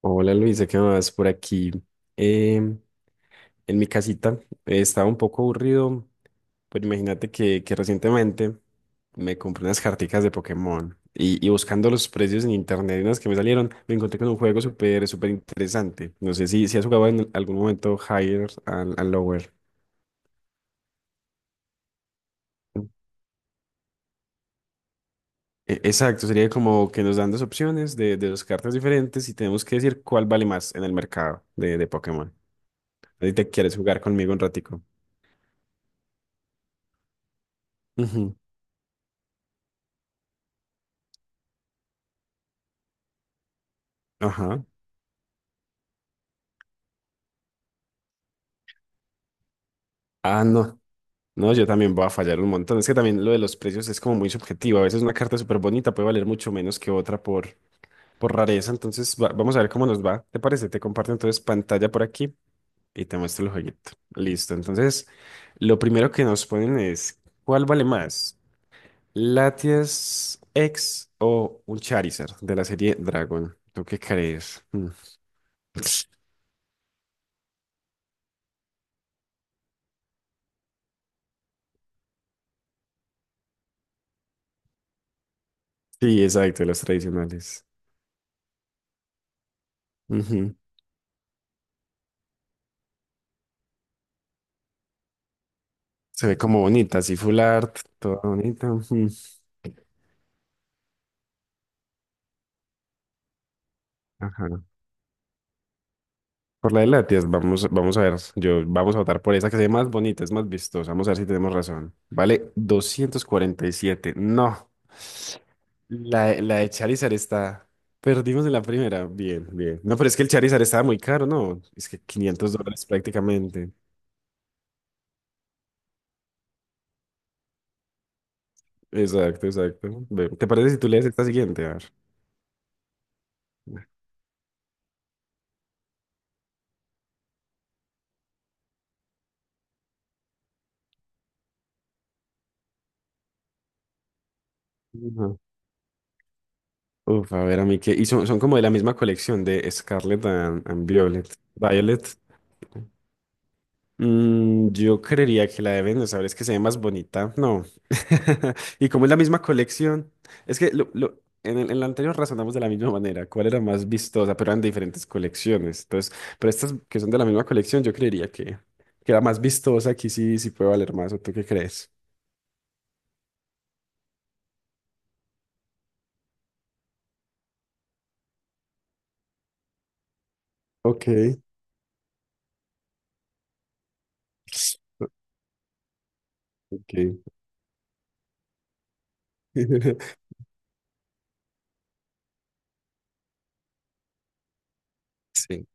Hola Luisa, ¿qué más por aquí? em, en mi casita. Estaba un poco aburrido, pero imagínate que recientemente me compré unas carticas de Pokémon y buscando los precios en internet, y unas que me salieron, me encontré con un juego súper interesante. No sé si has jugado en algún momento Higher and Lower. Exacto, sería como que nos dan dos opciones de dos cartas diferentes y tenemos que decir cuál vale más en el mercado de Pokémon. ¿Ahí te quieres jugar conmigo un ratico? Ujú. Ajá. Ah, no. No, yo también voy a fallar un montón. Es que también lo de los precios es como muy subjetivo. A veces una carta súper bonita puede valer mucho menos que otra por rareza. Entonces, vamos a ver cómo nos va. ¿Te parece? Te comparto entonces pantalla por aquí y te muestro el jueguito. Listo. Entonces, lo primero que nos ponen es, ¿cuál vale más? ¿Latias X o un Charizard de la serie Dragon? ¿Tú qué crees? Mm. Sí, exacto, los tradicionales. Ujú. Se ve como bonita, así full art, toda bonita. Ujú. Ajá. Por la de latias vamos, vamos a ver. Yo, vamos a votar por esa que se ve más bonita, es más vistosa. Vamos a ver si tenemos razón. Vale, doscientos cuarenta y siete. No. La de Charizard está. Perdimos en la primera. Bien, bien. No, pero es que el Charizard estaba muy caro, ¿no? Es que 500 dólares prácticamente. Exacto, exacto. Ve, ¿te parece si tú lees esta siguiente? A ver. Ujú. Uf, a ver, a mí que. Y son, son como de la misma colección de Scarlet and Violet. Violet. Mm, yo creería que la deben de saber, es que se ve más bonita. No. Y como es la misma colección, es que en en la anterior razonamos de la misma manera, cuál era más vistosa, pero eran de diferentes colecciones. Entonces, pero estas que son de la misma colección, yo creería que la más vistosa aquí sí, sí puede valer más. ¿O tú qué crees? Ok, ok. Sí.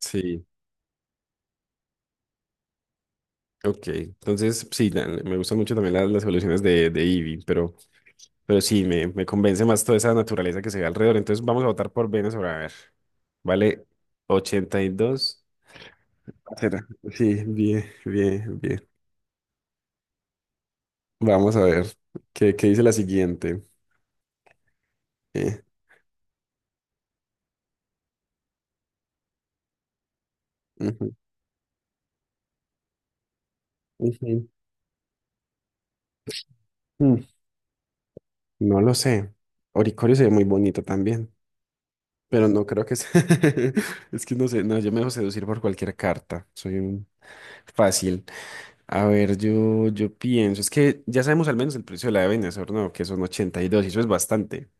Sí, ok. Entonces, sí, me gustan mucho también las soluciones de Eevee, pero sí, me convence más toda esa naturaleza que se ve alrededor. Entonces vamos a votar por Venezuela. A ver, vale 82. Será. Sí, bien, bien, bien. Vamos a ver qué, qué dice la siguiente. Eh, ujú, ujú, mm, no lo sé. Oricorio se ve muy bonito también, pero no creo que sea. Es que no sé, no, yo me dejo seducir por cualquier carta. Soy un fácil. A ver, yo pienso, es que ya sabemos al menos el precio de la de Venezuela, ¿no? Que son 82 y dos y eso es bastante.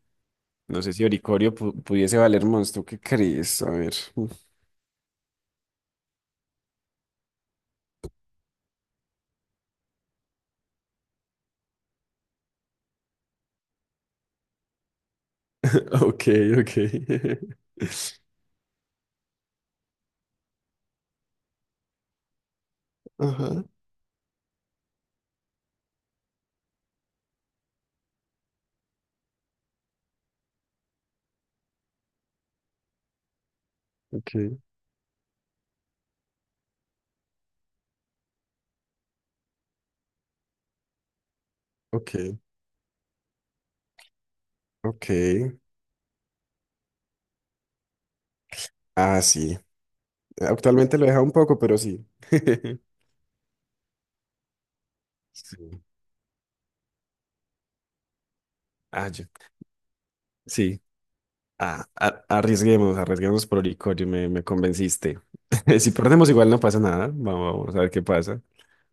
No sé si Oricorio pudiese valer monstruo. ¿Qué crees? A ver. Ok, ok. Ajá, ok, ok, ok. Ah, sí. Actualmente lo he dejado un poco, pero sí. Sí. Ah, yo. Sí. Ah, arriesguemos, arriesguemos por Oricorio, me convenciste. Si perdemos igual no pasa nada. Vamos, vamos a ver qué pasa.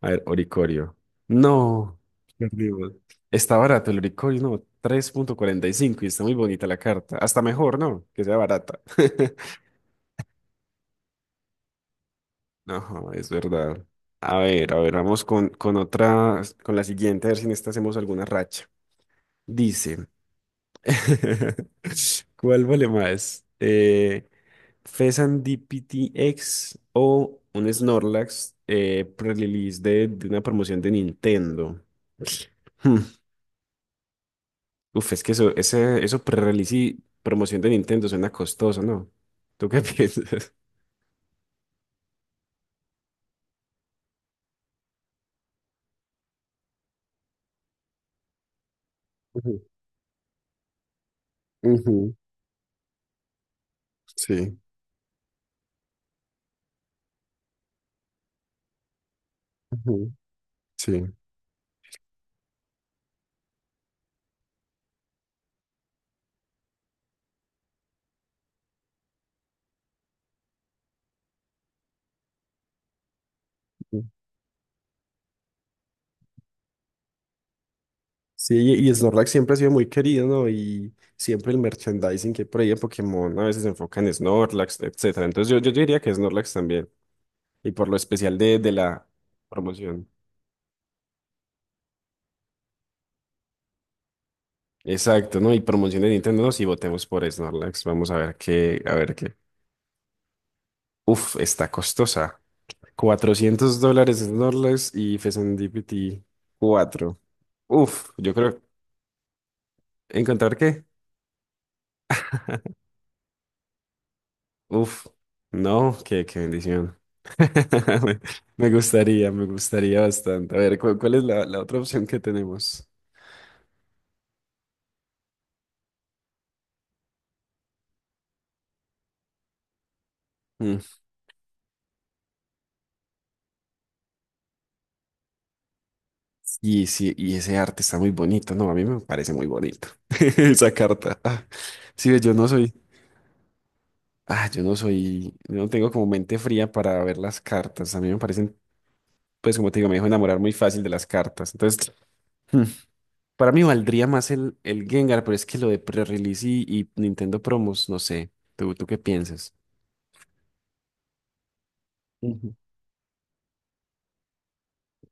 A ver, Oricorio. No, perdimos. Está barato el Oricorio, no, tres punto cuarenta y cinco y está muy bonita la carta. Hasta mejor, ¿no? Que sea barata. No, es verdad. A ver, vamos con otra, con la siguiente, a ver si en esta hacemos alguna racha. Dice, ¿cuál vale más? PTX o un Snorlax pre-release de una promoción de Nintendo. Hmm. Uf, es que eso, ese, eso pre-release y promoción de Nintendo suena costoso, ¿no? ¿Tú qué piensas? Ujú, ujú, sí, ujú, sí. Ujú. Sí, y Snorlax siempre ha sido muy querido, ¿no? Y siempre el merchandising que hay por ahí de Pokémon, ¿no?, a veces se enfoca en Snorlax, etcétera. Entonces yo diría que Snorlax también. Y por lo especial de la promoción. Exacto, ¿no? Y promoción de Nintendo, ¿no? Si votemos por Snorlax, vamos a ver qué, a ver qué. Uf, está costosa. Cuatrocientos dólares Snorlax y Fezandipity 4. Uf, yo creo, ¿encontrar qué? Uf, no, qué, qué bendición. Me gustaría bastante. A ver, ¿cuál, es la otra opción que tenemos? Mm. Y, sí, y ese arte está muy bonito, ¿no? A mí me parece muy bonito. Esa carta. Ah, sí, ve, yo no soy. Ah, yo no soy, yo no tengo como mente fría para ver las cartas. A mí me parecen, pues como te digo, me dejo enamorar muy fácil de las cartas. Entonces, hmm, para mí valdría más el Gengar, pero es que lo de pre-release y Nintendo Promos, no sé. ¿Tú, tú qué piensas? Ujú.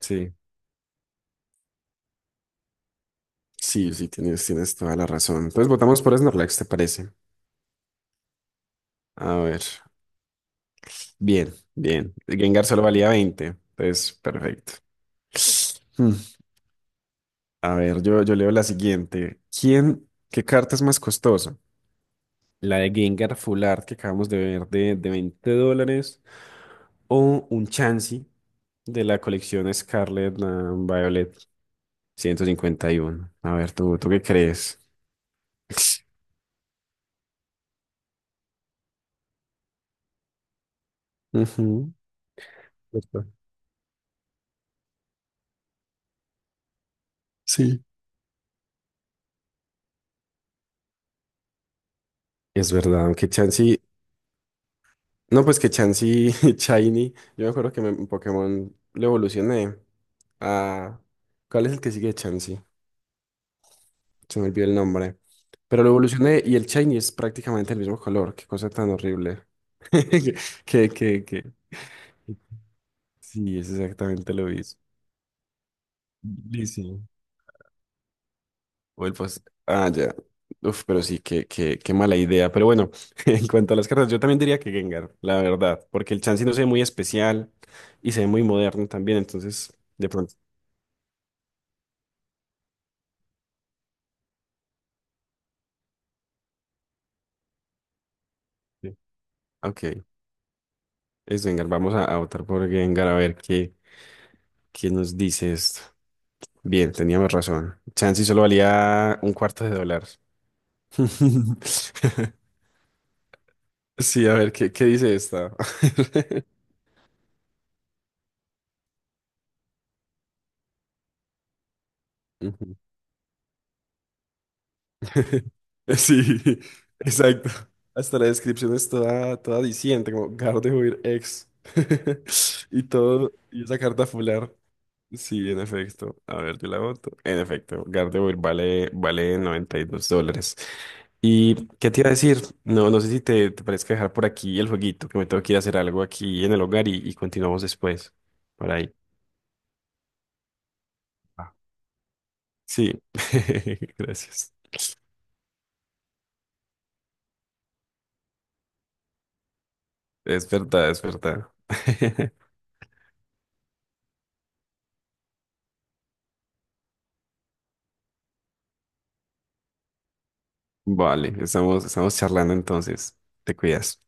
Sí, sí, sí, tienes, tienes toda la razón. Entonces votamos por Snorlax, ¿te parece? A ver, bien, bien. El Gengar solo valía 20, entonces perfecto. Hmm. A ver, yo leo la siguiente. ¿Quién, qué carta es más costosa? La de Gengar Full Art que acabamos de ver de 20 dólares. O un Chansey de la colección Scarlet ah, Violet ciento cincuenta y uno. A ver, ¿tú, tú qué crees? Ujú, ¿verdad? Sí. Es verdad, aunque Chansey... No, pues que Chansey Shiny. Yo me acuerdo que en Pokémon lo evolucioné a... ¿Cuál es el que sigue de Chansey? Se me olvidó el nombre. Pero lo evolucioné y el shiny es prácticamente el mismo color. Qué cosa tan horrible. Que, sí, es exactamente lo mismo. Sí, sí. Ah, ya. Uf, pero sí, qué, qué, qué mala idea. Pero bueno, en cuanto a las cartas, yo también diría que Gengar, la verdad. Porque el Chansey no se ve muy especial y se ve muy moderno también. Entonces, de pronto. Sí. Ok, es Gengar. Vamos a votar por Gengar a ver qué, qué nos dice esto. Bien, teníamos razón. Chansey solo valía un cuarto de dólar. Sí, a ver, ¿qué, qué dice esta? Ujú. Sí, exacto. Hasta la descripción es toda, toda diciente, como Gardevoir ex. Y todo, y esa carta fular. Sí, en efecto. A ver, yo la voto. En efecto, Gardevoir vale, vale 92 dólares. ¿Y qué te iba a decir? No, no sé si te, te parezca dejar por aquí el jueguito, que me tengo que ir a hacer algo aquí en el hogar y continuamos después. Por ahí. Ah, sí, gracias. Es verdad, es verdad. Vale, estamos, estamos charlando entonces. Te cuidas.